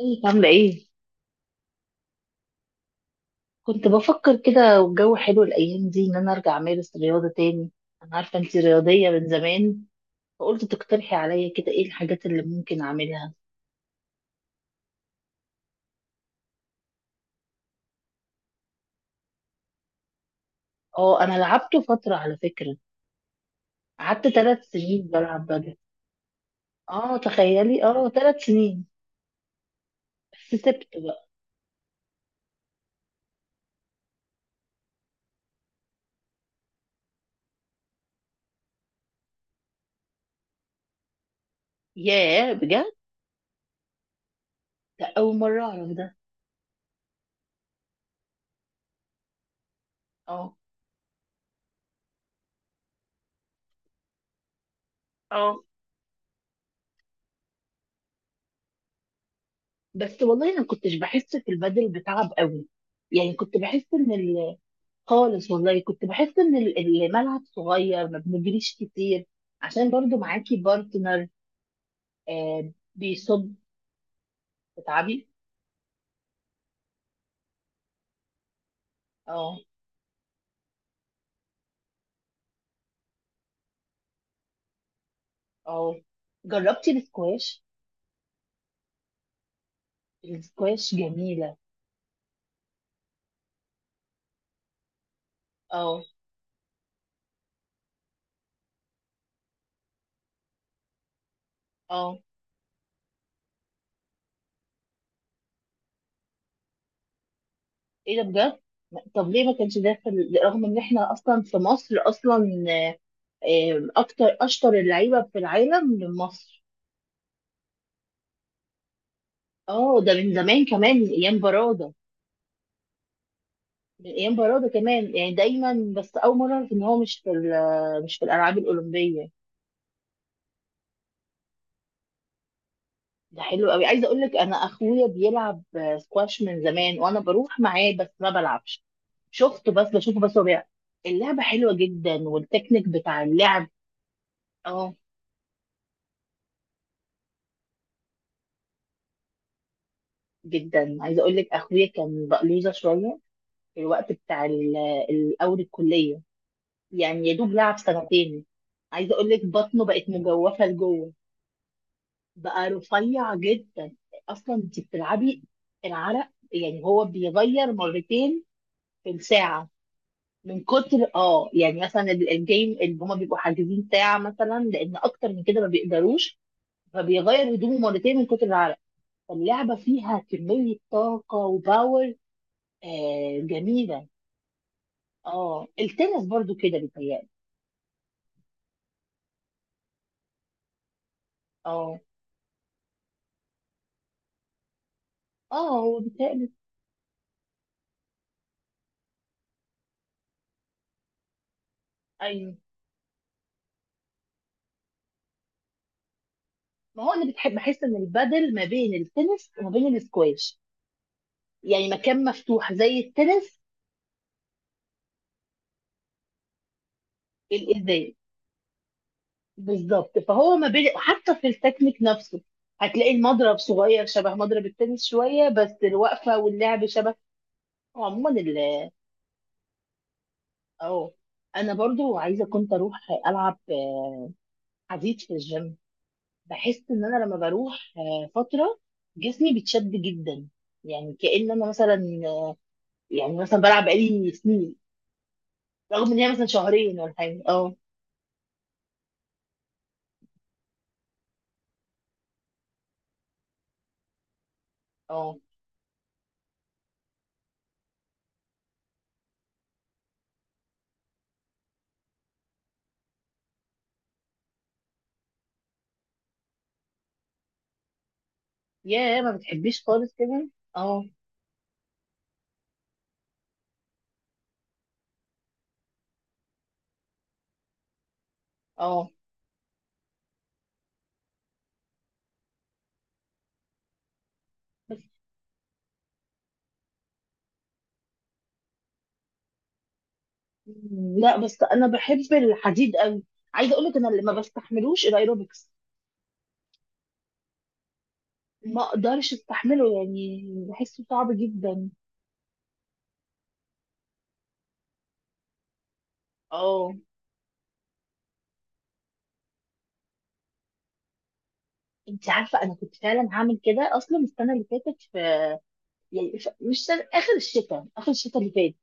ازيك عاملة ايه؟ كنت بفكر كده والجو حلو الأيام دي إن أنا أرجع أمارس رياضة تاني، أنا عارفة أنتي رياضية من زمان، فقلت تقترحي عليا كده ايه الحاجات اللي ممكن أعملها؟ اه، أنا لعبته فترة على فكرة، قعدت 3 سنين بلعب بدل. اه تخيلي، 3 سنين. بس سبت بقى. ياه بجد؟ لا، أول مرة أعرف ده. اه، اه، بس والله أنا كنتش بحس في البدل بتعب قوي. يعني كنت بحس إن خالص والله كنت بحس الملعب صغير ما بنجريش كتير، عشان برضو معاكي بارتنر. آه بيصب، بتعبي. اه، اه، جربتي السكواش؟ السكواش جميلة. اه، اه، ايه ده بجد؟ طب ليه ما كانش ده رغم ان احنا اصلا في مصر اصلا؟ آه. آه، اكتر اشطر اللعيبة في العالم من مصر. اه، ده من زمان كمان من ايام برادة. من ايام برادة كمان، يعني دايما، بس اول مره اعرف ان هو مش في الالعاب الاولمبيه. ده حلو قوي، عايزه اقول لك انا اخويا بيلعب سكواش من زمان، وانا بروح معاه بس ما بلعبش. شفته بس، بشوفه بس هو بيلعب. اللعبه حلوه جدا، والتكنيك بتاع اللعب. اه، جدا، عايزه اقول لك اخويا كان بقلوزه شويه في الوقت بتاع الاول الكليه، يعني يا دوب لعب سنتين. عايزه اقول لك بطنه بقت مجوفه لجوه، بقى رفيع جدا. اصلا انت بتلعبي، العرق يعني هو بيغير مرتين في الساعه، من كتر يعني مثلا الجيم اللي هما بيبقوا حاجزين ساعه مثلا، لان اكتر من كده ما بيقدروش، فبيغير هدومه مرتين من كتر العرق. فاللعبه فيها كميه طاقه وباور. آه جميله. اه، التنس برضو كده بيتهيألي. اه، اه، هو بيتهيألي. ايوه، ما هو انا بتحب بحس ان البدل ما بين التنس وما بين السكواش، يعني مكان مفتوح زي التنس. الازاز بالظبط، فهو ما بين حتى في التكنيك نفسه. هتلاقي المضرب صغير شبه مضرب التنس شويه، بس الوقفه واللعب شبه. هو عموما ال اه انا برضو عايزه كنت اروح العب حديد في الجيم. بحس ان انا لما بروح فتره جسمي بيتشد جدا، يعني كأن انا مثلا، يعني مثلا بلعب بقالي سنين، رغم ان هي مثلا شهرين ولا حاجه. اه، اه يا ما بتحبيش خالص كده. اه، اه، لا بس انا بحب الحديد قوي. عايزه اقول لك انا اللي ما بستحملوش الايروبكس، ما اقدرش استحمله، يعني بحسه صعب جدا. اه، انت عارفه انا كنت فعلا هعمل كده اصلا السنه اللي فاتت في، يعني في... مش سنة... اخر الشتاء اخر الشتاء اللي فات.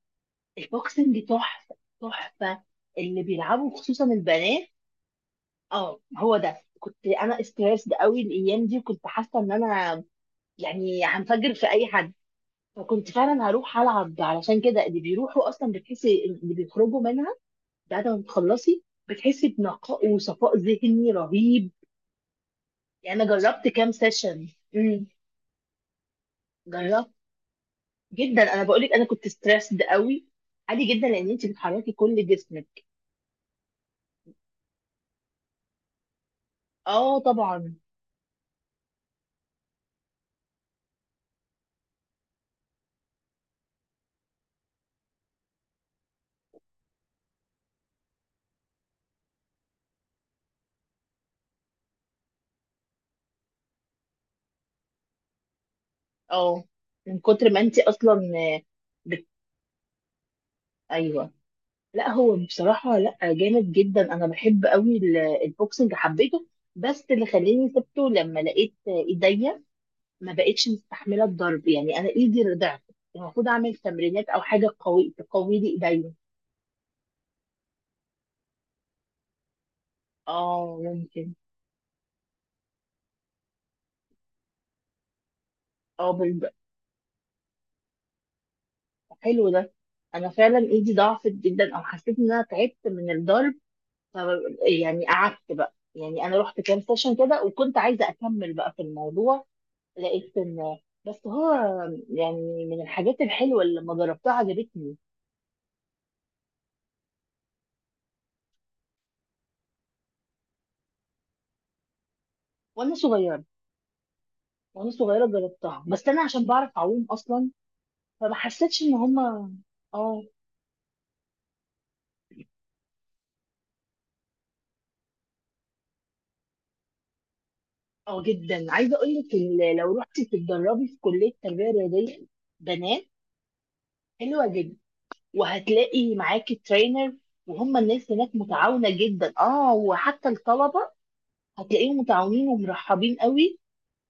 البوكسنج تحفه تحفه. اللي بيلعبوا خصوصا البنات. اه هو ده، كنت انا استريسد قوي الايام دي، وكنت حاسه ان انا يعني هنفجر في اي حد. فكنت فعلا هروح العب، علشان كده اللي بيروحوا اصلا بتحسي اللي بيخرجوا منها بعد ما بتخلصي، بتحسي بنقاء وصفاء ذهني رهيب. يعني انا جربت كام سيشن. امم جربت، جدا، انا بقول لك انا كنت ستريسد قوي. عادي جدا لان انت بتحركي كل جسمك. اه طبعا. اه، من كتر ما انت اصلا. آه، بت... ايوه. لا هو بصراحه، لا جامد جدا، انا بحب قوي البوكسنج، حبيته. بس اللي خلاني سبته لما لقيت ايديا ما بقتش مستحمله الضرب، يعني انا ايدي ضعفت. المفروض اعمل تمرينات او حاجه قوي تقوي لي ايديا. اه ممكن. اه، حلو ده. انا فعلا ايدي ضعفت جدا، او حسيت ان انا تعبت من الضرب. ف يعني قعدت بقى، يعني انا رحت كام سيشن كده، وكنت عايزه اكمل بقى في الموضوع. لقيت ان بس هو يعني من الحاجات الحلوه اللي لما جربتها عجبتني. وانا صغيره، وانا صغيره جربتها، بس انا عشان بعرف اعوم اصلا فما حسيتش ان هما. اه، اه، جدا عايزه اقول لك لو رحتي تتدربي في كليه تربيه رياضيه بنات، حلوه جدا، وهتلاقي معاكي ترينر، وهم الناس هناك متعاونه جدا، اه وحتى الطلبه هتلاقيهم متعاونين ومرحبين قوي.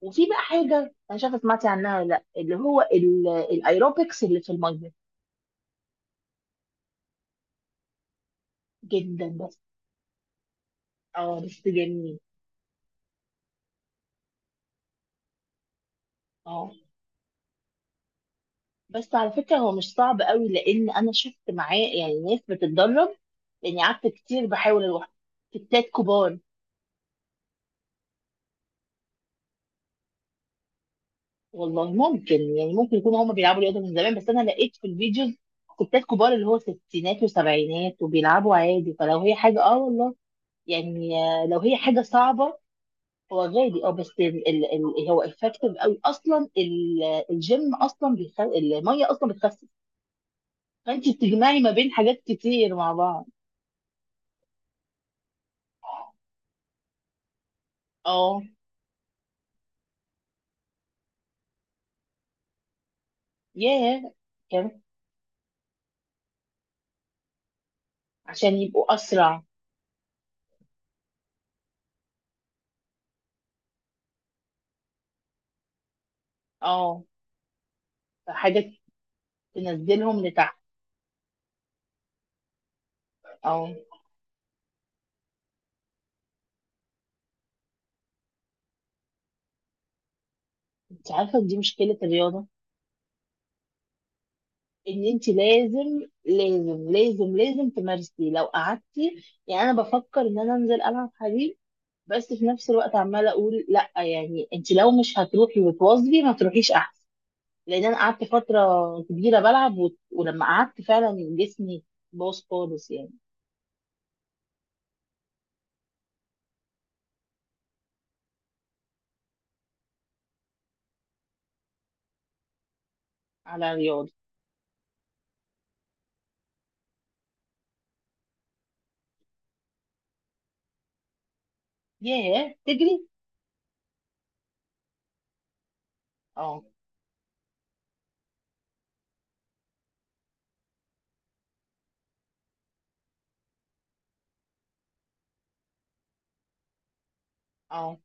وفي بقى حاجه انا شايفه سمعتي عنها ولا لا، اللي هو الايروبكس اللي في الميه. جدا، بس. اه بس جميل. اه، بس على فكره هو مش صعب قوي، لان انا شفت معاه يعني ناس بتتدرب، لاني قعدت كتير بحاول اروح. ستات كبار، والله ممكن، يعني ممكن يكونوا هم بيلعبوا رياضه من زمان، بس انا لقيت في الفيديوز ستات كبار اللي هو ستينات وسبعينات وبيلعبوا عادي. فلو هي حاجه، اه والله يعني، آه، لو هي حاجه صعبه. هو غالي، اه، بس ال ال ال هو افكتيف قوي اصلا الجيم اصلا الميه اصلا بتخسس. فانت بتجمعي ما بين حاجات كتير مع بعض. اه. ياه. كم عشان يبقوا اسرع. اه، فحاجه تنزلهم لتحت. اه. انت عارفه دي مشكله الرياضه، ان انت لازم، لازم لازم لازم تمارسي. لو قعدتي، يعني انا بفكر ان انا انزل العب حديد، بس في نفس الوقت عماله اقول لا، يعني انت لو مش هتروحي وتواظبي ما تروحيش احسن. لان انا قعدت فتره كبيره بلعب ولما قعدت فعلا جسمي باظ خالص، يعني على الرياضه. ياه تجري. اه، اه،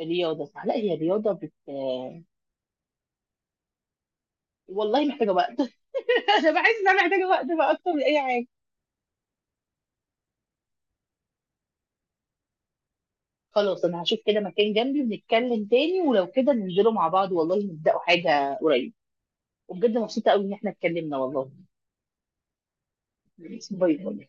رياضه صح، لا هي رياضه والله محتاجه وقت. انا بحس ان انا محتاجه وقت بقى اكتر من اي حاجه. خلاص انا هشوف كده مكان جنبي ونتكلم تاني، ولو كده ننزلوا مع بعض والله، نبدأوا حاجة قريب. وبجد مبسوطة قوي ان احنا اتكلمنا والله. باي باي.